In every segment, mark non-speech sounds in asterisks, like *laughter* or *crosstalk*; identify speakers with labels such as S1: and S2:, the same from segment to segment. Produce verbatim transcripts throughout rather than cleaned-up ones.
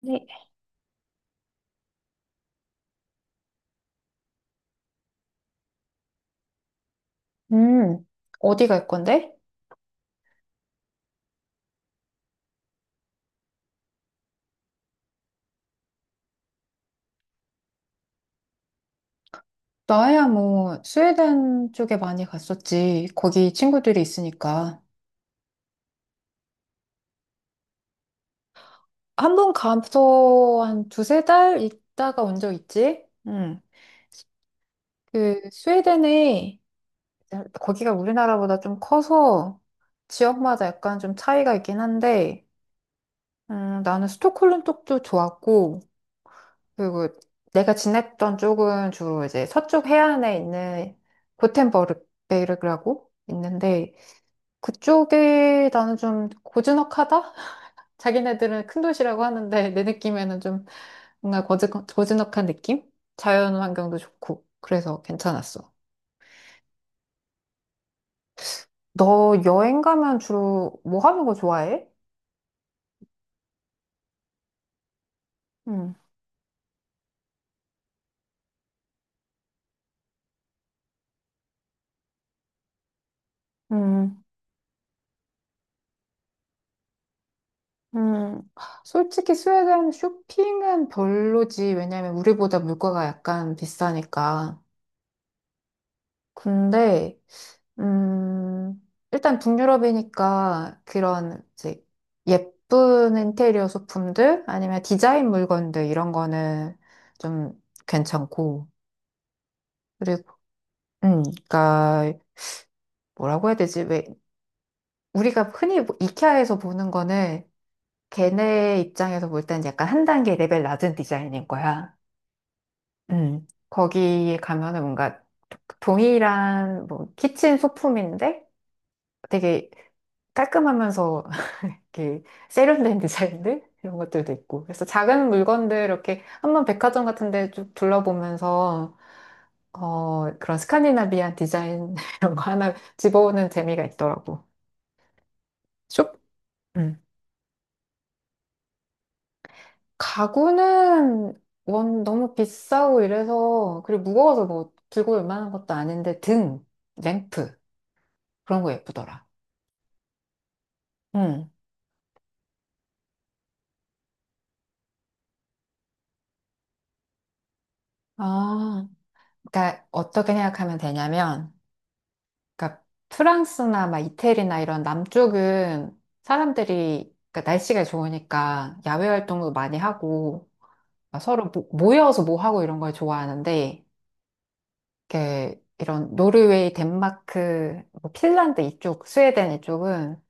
S1: 네. 음, 어디 갈 건데? 나야 뭐 스웨덴 쪽에 많이 갔었지. 거기 친구들이 있으니까. 한 번 가서 한 두세 달 있다가 온 적 있지? 응. 그 스웨덴에 거기가 우리나라보다 좀 커서 지역마다 약간 좀 차이가 있긴 한데, 음, 나는 스톡홀름 쪽도 좋았고, 그리고 내가 지냈던 쪽은 주로 이제 서쪽 해안에 있는 고텐버르베르라고 있는데, 그쪽이 나는 좀 고즈넉하다? *laughs* 자기네들은 큰 도시라고 하는데 내 느낌에는 좀 뭔가 거즈, 고즈넉한 느낌? 자연 환경도 좋고 그래서 괜찮았어. 너 여행 가면 주로 뭐 하는 거 좋아해? 음, 음, 음. 솔직히 스웨덴 쇼핑은 별로지. 왜냐면 우리보다 물가가 약간 비싸니까. 근데 음, 일단 북유럽이니까 그런 이제 예쁜 인테리어 소품들 아니면 디자인 물건들 이런 거는 좀 괜찮고. 그리고 음, 그러니까 뭐라고 해야 되지? 왜 우리가 흔히 뭐 이케아에서 보는 거는 걔네 입장에서 볼 때는 약간 한 단계 레벨 낮은 디자인인 거야. 음, 거기에 가면은 뭔가 동일한 뭐 키친 소품인데 되게 깔끔하면서 이렇게 세련된 *laughs* 디자인들 이런 것들도 있고, 그래서 작은 물건들 이렇게 한번 백화점 같은 데 쭉 둘러보면서 어 그런 스칸디나비안 디자인 *laughs* 이런 거 하나 집어오는 재미가 있더라고. 쇼? 음. 가구는 원 너무 비싸고 이래서, 그리고 무거워서 뭐 들고 올 만한 것도 아닌데, 등, 램프 그런 거 예쁘더라. 음. 아, 그러니까 어떻게 생각하면 되냐면, 그러니까 프랑스나 막 이태리나 이런 남쪽은 사람들이 그러니까 날씨가 좋으니까 야외 활동도 많이 하고 막 서로 모- 모여서 뭐 하고 이런 걸 좋아하는데, 이렇게 이런 노르웨이, 덴마크, 뭐 핀란드 이쪽, 스웨덴 이쪽은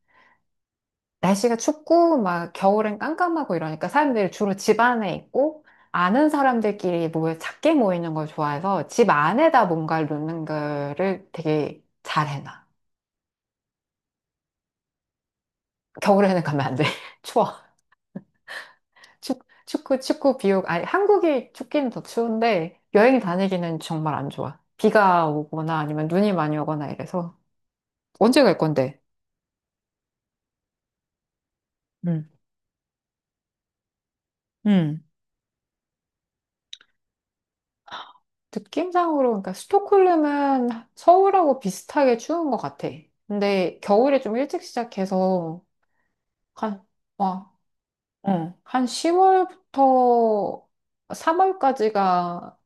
S1: 날씨가 춥고 막 겨울엔 깜깜하고 이러니까 사람들이 주로 집 안에 있고 아는 사람들끼리 모여 작게 모이는 걸 좋아해서 집 안에다 뭔가를 놓는 거를 되게 잘해놔. 겨울에는 가면 안 돼. *laughs* 추워. 축, 축구, 축구 비육. 아니, 한국이 춥기는 더 추운데, 여행 다니기는 정말 안 좋아. 비가 오거나 아니면 눈이 많이 오거나 이래서. 언제 갈 건데? 응, 응. 느낌상으로, 그러니까 스톡홀름은 서울하고 비슷하게 추운 것 같아. 근데 겨울에 좀 일찍 시작해서, 한, 와, 응, 한 시월부터 삼월까지가.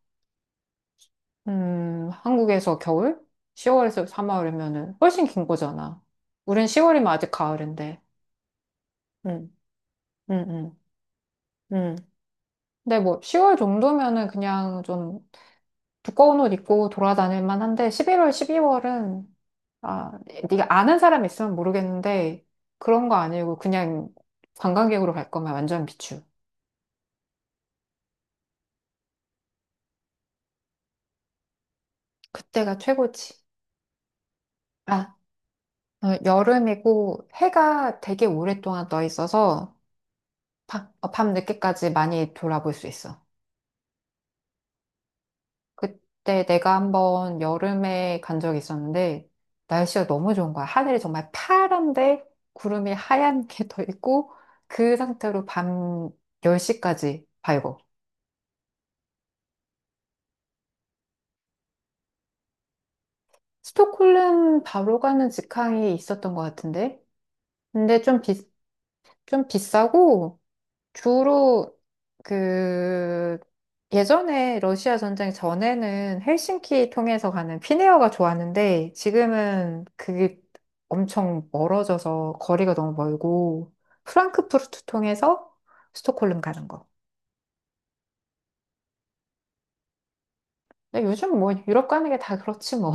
S1: 음, 한국에서 겨울? 시월에서 삼월이면은 훨씬 긴 거잖아. 우린 시월이면 아직 가을인데. 응, 응, 응, 응. 근데 뭐 시월 정도면은 그냥 좀 두꺼운 옷 입고 돌아다닐 만한데 십일월, 십이월은, 아, 네가 아는 사람 있으면 모르겠는데 그런 거 아니고 그냥 관광객으로 갈 거면 완전 비추. 그때가 최고지. 아, 어, 여름이고 해가 되게 오랫동안 떠 있어서 밤, 어, 밤늦게까지 많이 돌아볼 수 있어. 그때 내가 한번 여름에 간 적이 있었는데 날씨가 너무 좋은 거야. 하늘이 정말 파란데 구름이 하얀 게 떠 있고 그 상태로 밤 열 시까지 밝고. 스톡홀름 바로 가는 직항이 있었던 것 같은데, 근데 좀 비, 좀 비싸고. 주로 그 예전에 러시아 전쟁 전에는 헬싱키 통해서 가는 피네어가 좋았는데 지금은 그게 엄청 멀어져서 거리가 너무 멀고, 프랑크푸르트 통해서 스톡홀름 가는 거. 근데 요즘 뭐 유럽 가는 게 다 그렇지 뭐.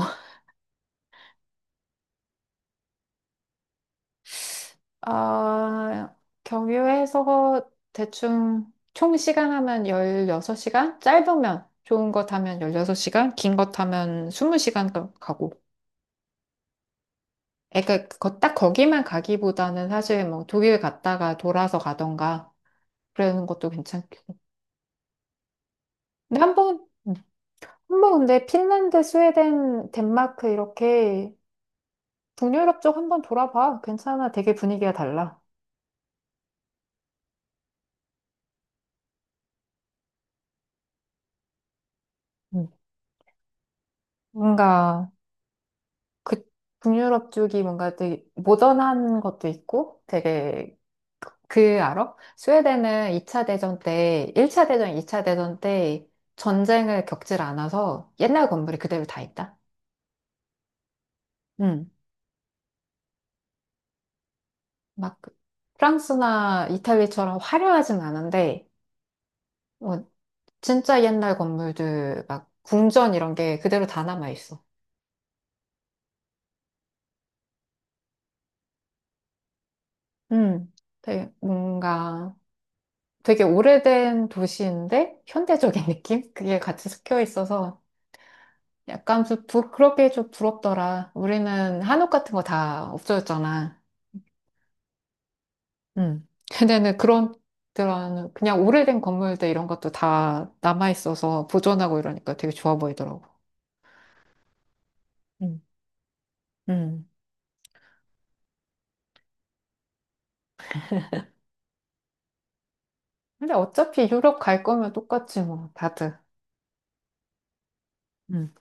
S1: *laughs* 아, 경유해서 대충 총 시간 하면 열여섯 시간? 짧으면 좋은 거 타면 열여섯 시간, 긴 거 타면 스무 시간 가고. 그러니까 거 딱 거기만 가기보다는 사실 뭐 독일 갔다가 돌아서 가던가 그러는 것도 괜찮고. 근데 한 번, 음, 한번 근데 핀란드, 스웨덴, 덴마크 이렇게 북유럽 쪽 한번 돌아봐. 괜찮아. 되게 분위기가 달라. 음. 뭔가 그 북유럽 쪽이 뭔가 되게 모던한 것도 있고 되게, 그, 그 알아? 스웨덴은 이 차 대전 때, 일 차 대전, 이 차 대전 때 전쟁을 겪질 않아서 옛날 건물이 그대로 다 있다. 음. 막 프랑스나 이탈리아처럼 화려하진 않은데, 뭐 진짜 옛날 건물들, 막 궁전 이런 게 그대로 다 남아 있어. 음, 되게 뭔가 되게 오래된 도시인데 현대적인 *laughs* 느낌? 그게 같이 섞여 있어서 약간 좀 부, 그렇게 좀 부럽더라. 우리는 한옥 같은 거 다 없어졌잖아. 음, 걔네는 그런 그런 그냥 오래된 건물들 이런 것도 다 남아 있어서 보존하고 이러니까 되게 좋아 보이더라고. 음. 음. 근데 어차피 유럽 갈 거면 똑같지 뭐 다들. 음.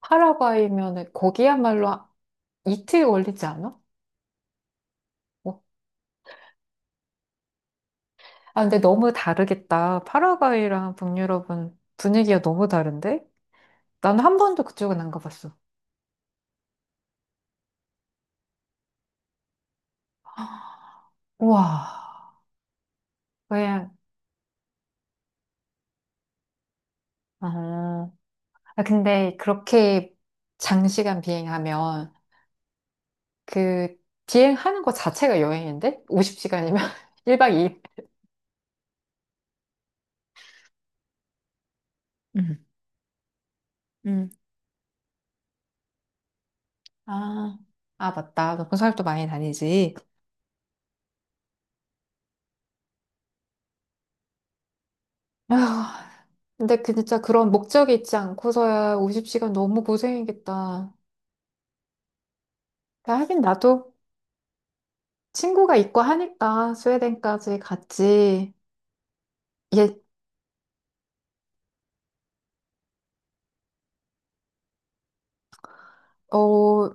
S1: 파라과이면은 거기야말로 아- 이틀 걸리지 않아? 뭐. 아 근데 너무 다르겠다. 파라과이랑 북유럽은 분위기가 너무 다른데? 나는 한 번도 그쪽은 안 가봤어. 우와. 그냥, 아, 아, 근데 그렇게 장시간 비행하면 그 비행하는 거 자체가 여행인데? 오십 시간이면 일 박 이 일. *laughs* 음. 음. 아, 아, 맞다. 너 군산도 많이 다니지. 아, 근데 그 진짜 그런 목적이 있지 않고서야 오십 시간 너무 고생이겠다. 하긴 나도 친구가 있고 하니까 스웨덴까지 갔지. 얘, 어,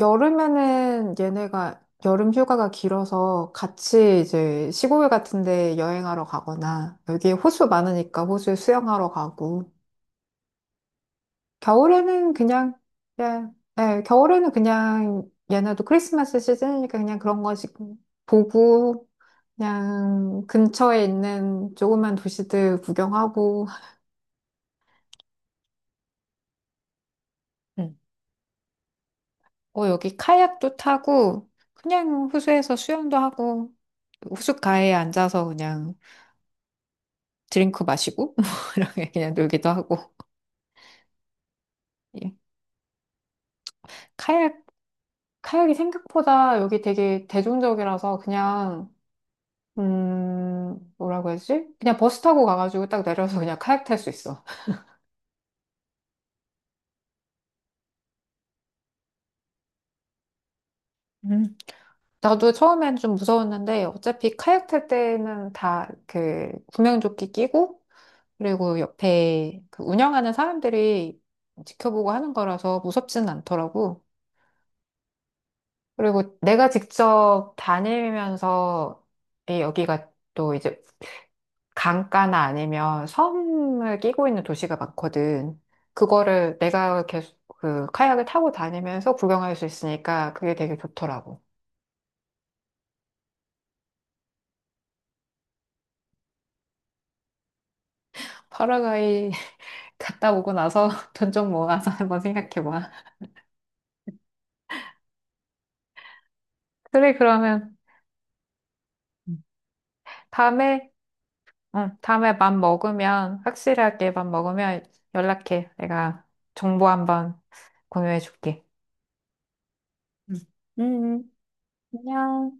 S1: 여름에는 얘네가 여름 휴가가 길어서 같이 이제 시골 같은 데 여행하러 가거나 여기 호수 많으니까 호수에 수영하러 가고. 겨울에는 그냥, 예, 예, 겨울에는 그냥 얘네도 크리스마스 시즌이니까 그냥 그런 거 지금 보고 그냥 근처에 있는 조그만 도시들 구경하고. 음. 어, 여기 카약도 타고 그냥 호수에서 수영도 하고 호숫가에 앉아서 그냥 드링크 마시고 *laughs* 뭐 이렇게 그냥 놀기도 하고. 예. 카약. 카약이 생각보다 여기 되게 대중적이라서 그냥, 음, 뭐라고 해야지? 그냥 버스 타고 가가지고 딱 내려서 그냥 카약 탈 수 있어. 음. 나도 처음엔 좀 무서웠는데 어차피 카약 탈 때는 다 그 구명조끼 끼고, 그리고 옆에 그 운영하는 사람들이 지켜보고 하는 거라서 무섭지는 않더라고. 그리고 내가 직접 다니면서, 이 여기가 또 이제 강가나 아니면 섬을 끼고 있는 도시가 많거든. 그거를 내가 계속 그 카약을 타고 다니면서 구경할 수 있으니까 그게 되게 좋더라고. 파라과이 *laughs* 갔다 오고 나서 *laughs* 돈 좀 모아서 한번 생각해봐. 그래, 그러면 다음에, 응, 다음에 밥 먹으면, 확실하게 밥 먹으면 연락해. 내가 정보 한번 공유해줄게. 응. 응. 응. 안녕.